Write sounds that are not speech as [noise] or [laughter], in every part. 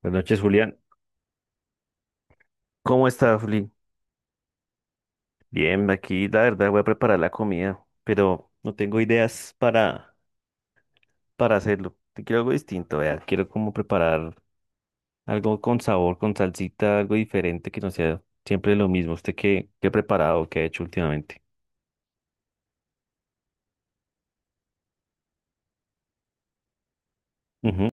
Buenas noches, Julián. ¿Cómo estás, Juli? Bien, aquí la verdad voy a preparar la comida, pero no tengo ideas para hacerlo. Te quiero algo distinto, vea. Quiero como preparar algo con sabor, con salsita, algo diferente que no sea siempre lo mismo. ¿Usted qué ha preparado, qué ha hecho últimamente? Ujú.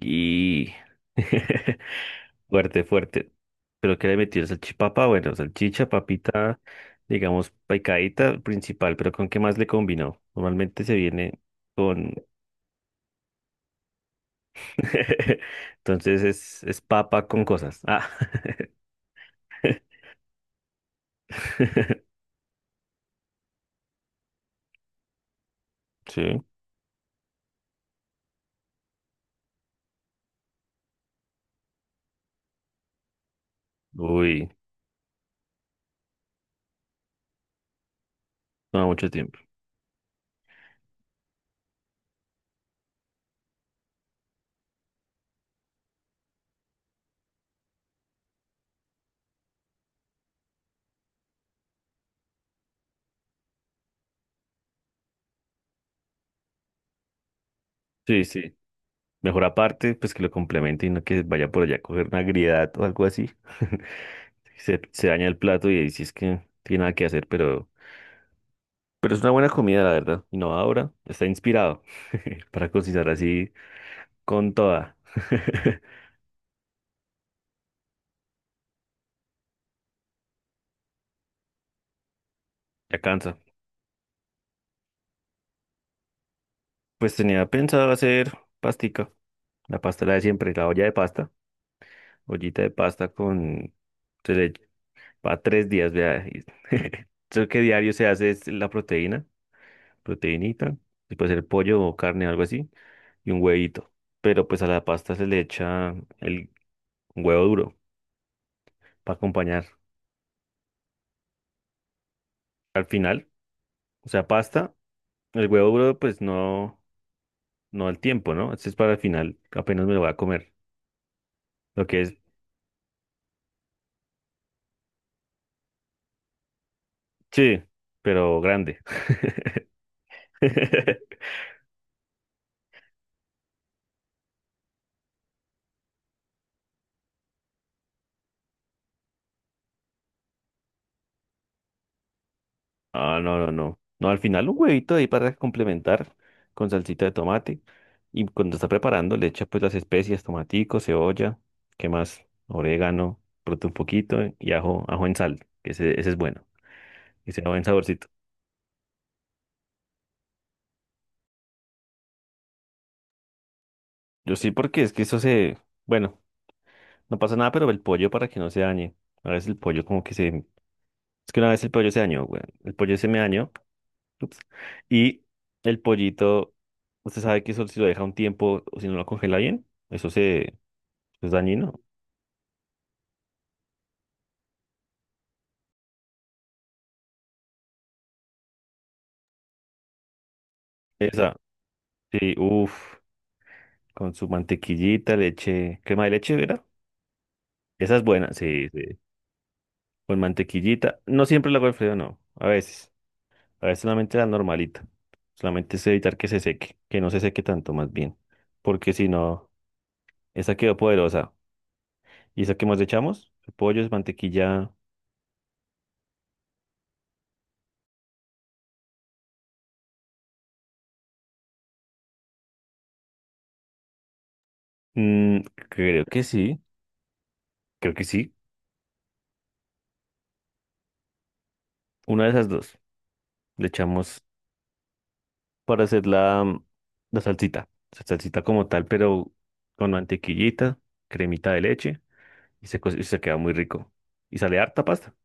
Y [laughs] fuerte, fuerte. ¿Pero qué le metió? ¿Salchipapa? Bueno, salchicha, papita, digamos, picadita, principal, pero ¿con qué más le combinó? Normalmente se viene con [laughs] Entonces es papa con cosas. Ah. [laughs] Sí. Uy, toma mucho tiempo. Sí, sí. Mejor aparte, pues que lo complemente y no que vaya por allá a coger una agriedad o algo así. [laughs] Se daña el plato y ahí sí es que no tiene nada que hacer, pero es una buena comida, la verdad. Innovadora, está inspirado [laughs] para cocinar así con toda. [laughs] Ya cansa. Pues tenía pensado hacer pastica, la pasta la de siempre, la olla de pasta. Ollita de pasta con... Se le para tres días, vea. Y- [laughs] Eso que diario se hace es la proteína, proteinita, y puede ser pollo o carne, algo así, y un huevito. Pero pues a la pasta se le echa el huevo duro para acompañar. Al final, o sea, pasta, el huevo duro pues no, no al tiempo, ¿no? Este es para el final, apenas me lo voy a comer. Lo que es, sí, pero grande. [laughs] Ah, no, no, no. No, al final un huevito ahí para complementar con salsita de tomate. Y cuando está preparando, le echa pues las especias, tomatico, cebolla, ¿qué más? Orégano, pronto un poquito y ajo, ajo en sal, que ese es bueno, que sea buen saborcito. Yo sí, porque es que eso se, bueno, no pasa nada, pero el pollo para que no se dañe. A veces el pollo como que se, es que una vez el pollo se dañó, güey. El pollo se me dañó, ups, y el pollito, usted sabe que eso si lo deja un tiempo o si no lo congela bien, eso se ¿Es dañino? Esa, sí, uff, con su mantequillita, leche, crema de leche, ¿verdad? Esa es buena, sí, sí. Con mantequillita. No siempre la hago Alfredo, no. A veces. A veces solamente la normalita. Solamente es evitar que se seque, que no se seque tanto, más bien. Porque si no, esa quedó poderosa. ¿Y esa que más le echamos? Pollo, es mantequilla. mm, Creo que sí, creo que sí. Una de esas dos. Le echamos para hacer la salsita. La salsita como tal, pero con mantequillita, cremita de leche y y se queda muy rico. Y sale harta pasta.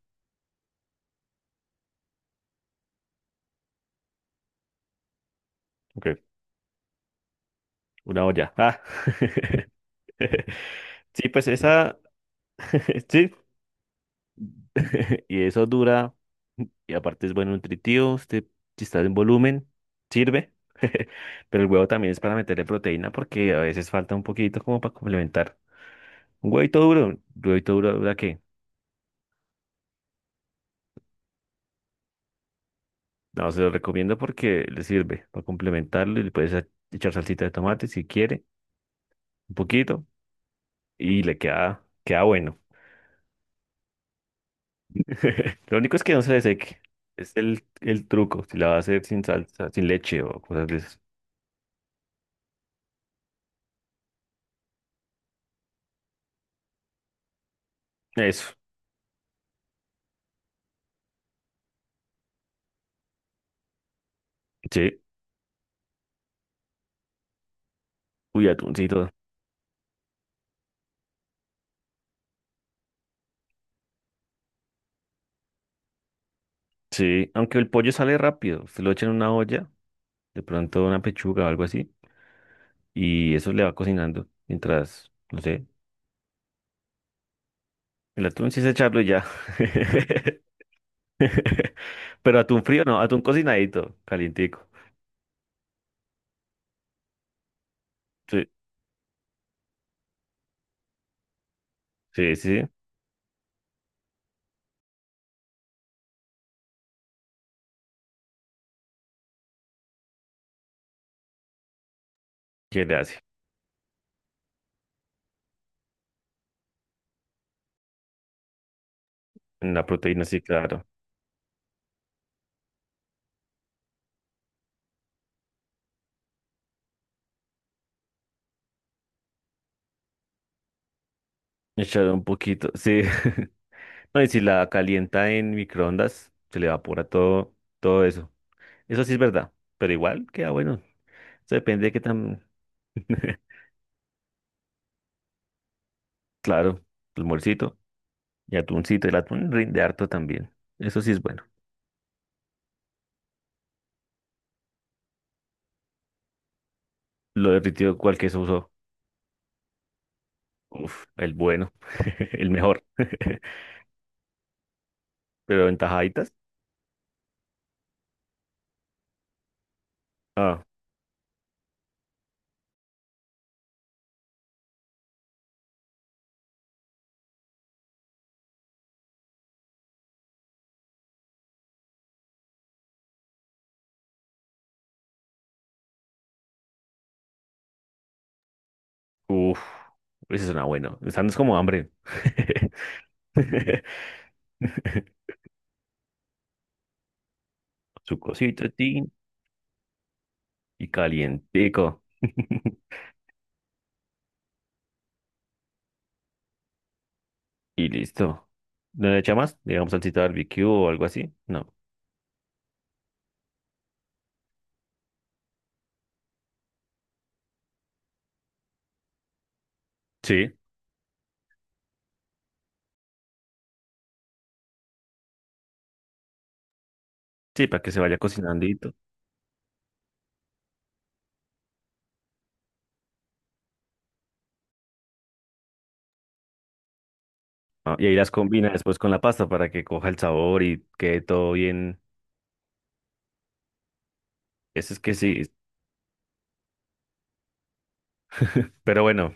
Ok, una olla. Ah. [laughs] Sí, pues esa, [laughs] sí, [laughs] y eso dura. Y aparte es bueno nutritivo, usted, si está en volumen, sirve. [laughs] Pero el huevo también es para meterle proteína porque a veces falta un poquito como para complementar. Un huevito duro, ¿verdad No, se lo recomiendo porque le sirve para complementarlo y le puedes a- echar salsita de tomate si quiere, un poquito, y le queda bueno. [laughs] Lo único es que no se le seque. Es el truco, si la va a hacer sin salsa, sin leche o cosas de esas. Eso, sí. Uy, atuncito. Sí, aunque el pollo sale rápido, se lo echa en una olla, de pronto una pechuga o algo así, y eso le va cocinando mientras, no sé, el atún sí es echarlo y ya. [laughs] [laughs] Pero atún frío, no, atún cocinadito, calientico. Sí, sí, sí, sí. ¿Qué le hace? La proteína, sí, claro. Echar un poquito, sí. [laughs] No, y si la calienta en microondas, se le evapora todo, todo eso. Eso sí es verdad, pero igual queda bueno. Eso depende de qué tan, [laughs] claro, el morcito y atuncito. El atún rinde harto también. Eso sí es bueno. Lo derritido, cual que se usó. Uf, el bueno, [laughs] el mejor. [laughs] Pero en tajaditas. Uf, eso suena bueno. Están es como hambre. [laughs] Su cosita, tin, y calientico. [laughs] Y listo. ¿No le echa más? Digamos salsita barbecue o algo así. No. Sí, sí, para que se vaya cocinandito. Ah, y ahí las combina después con la pasta para que coja el sabor y quede todo bien. Eso es que sí. Pero bueno,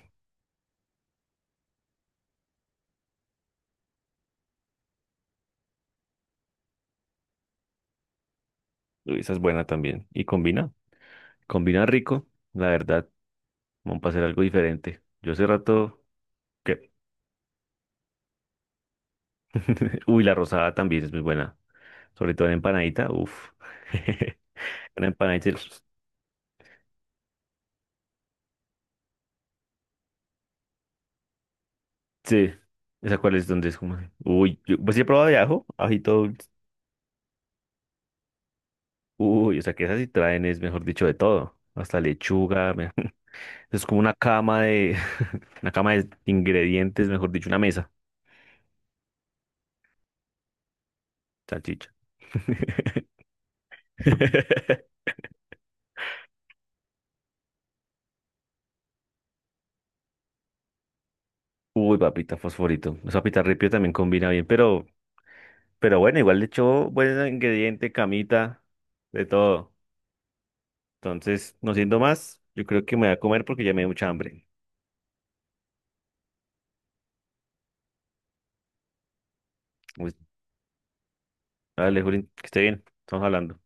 uy, esa es buena también. Y combina, combina rico, la verdad. Vamos a hacer algo diferente. Yo hace rato que... [laughs] Uy, la rosada también es muy buena. Sobre todo en empanadita, uff. [laughs] Una empanadita. Sí. ¿Esa cuál es donde es como? Uy, yo, pues sí he probado de ajo, ajito dulce. Uy, o sea que esas sí traen, es mejor dicho, de todo. Hasta lechuga. Me- [laughs] Es como una cama de. [laughs] Una cama de ingredientes, mejor dicho, una mesa. Salchicha. [laughs] Uy, papita fosforito. Esa papita ripio también combina bien, pero bueno, igual le echó buen ingrediente, camita, de todo. Entonces, no siendo más, yo creo que me voy a comer porque ya me dio mucha hambre. Pues, dale, Juli, que esté bien. Estamos hablando.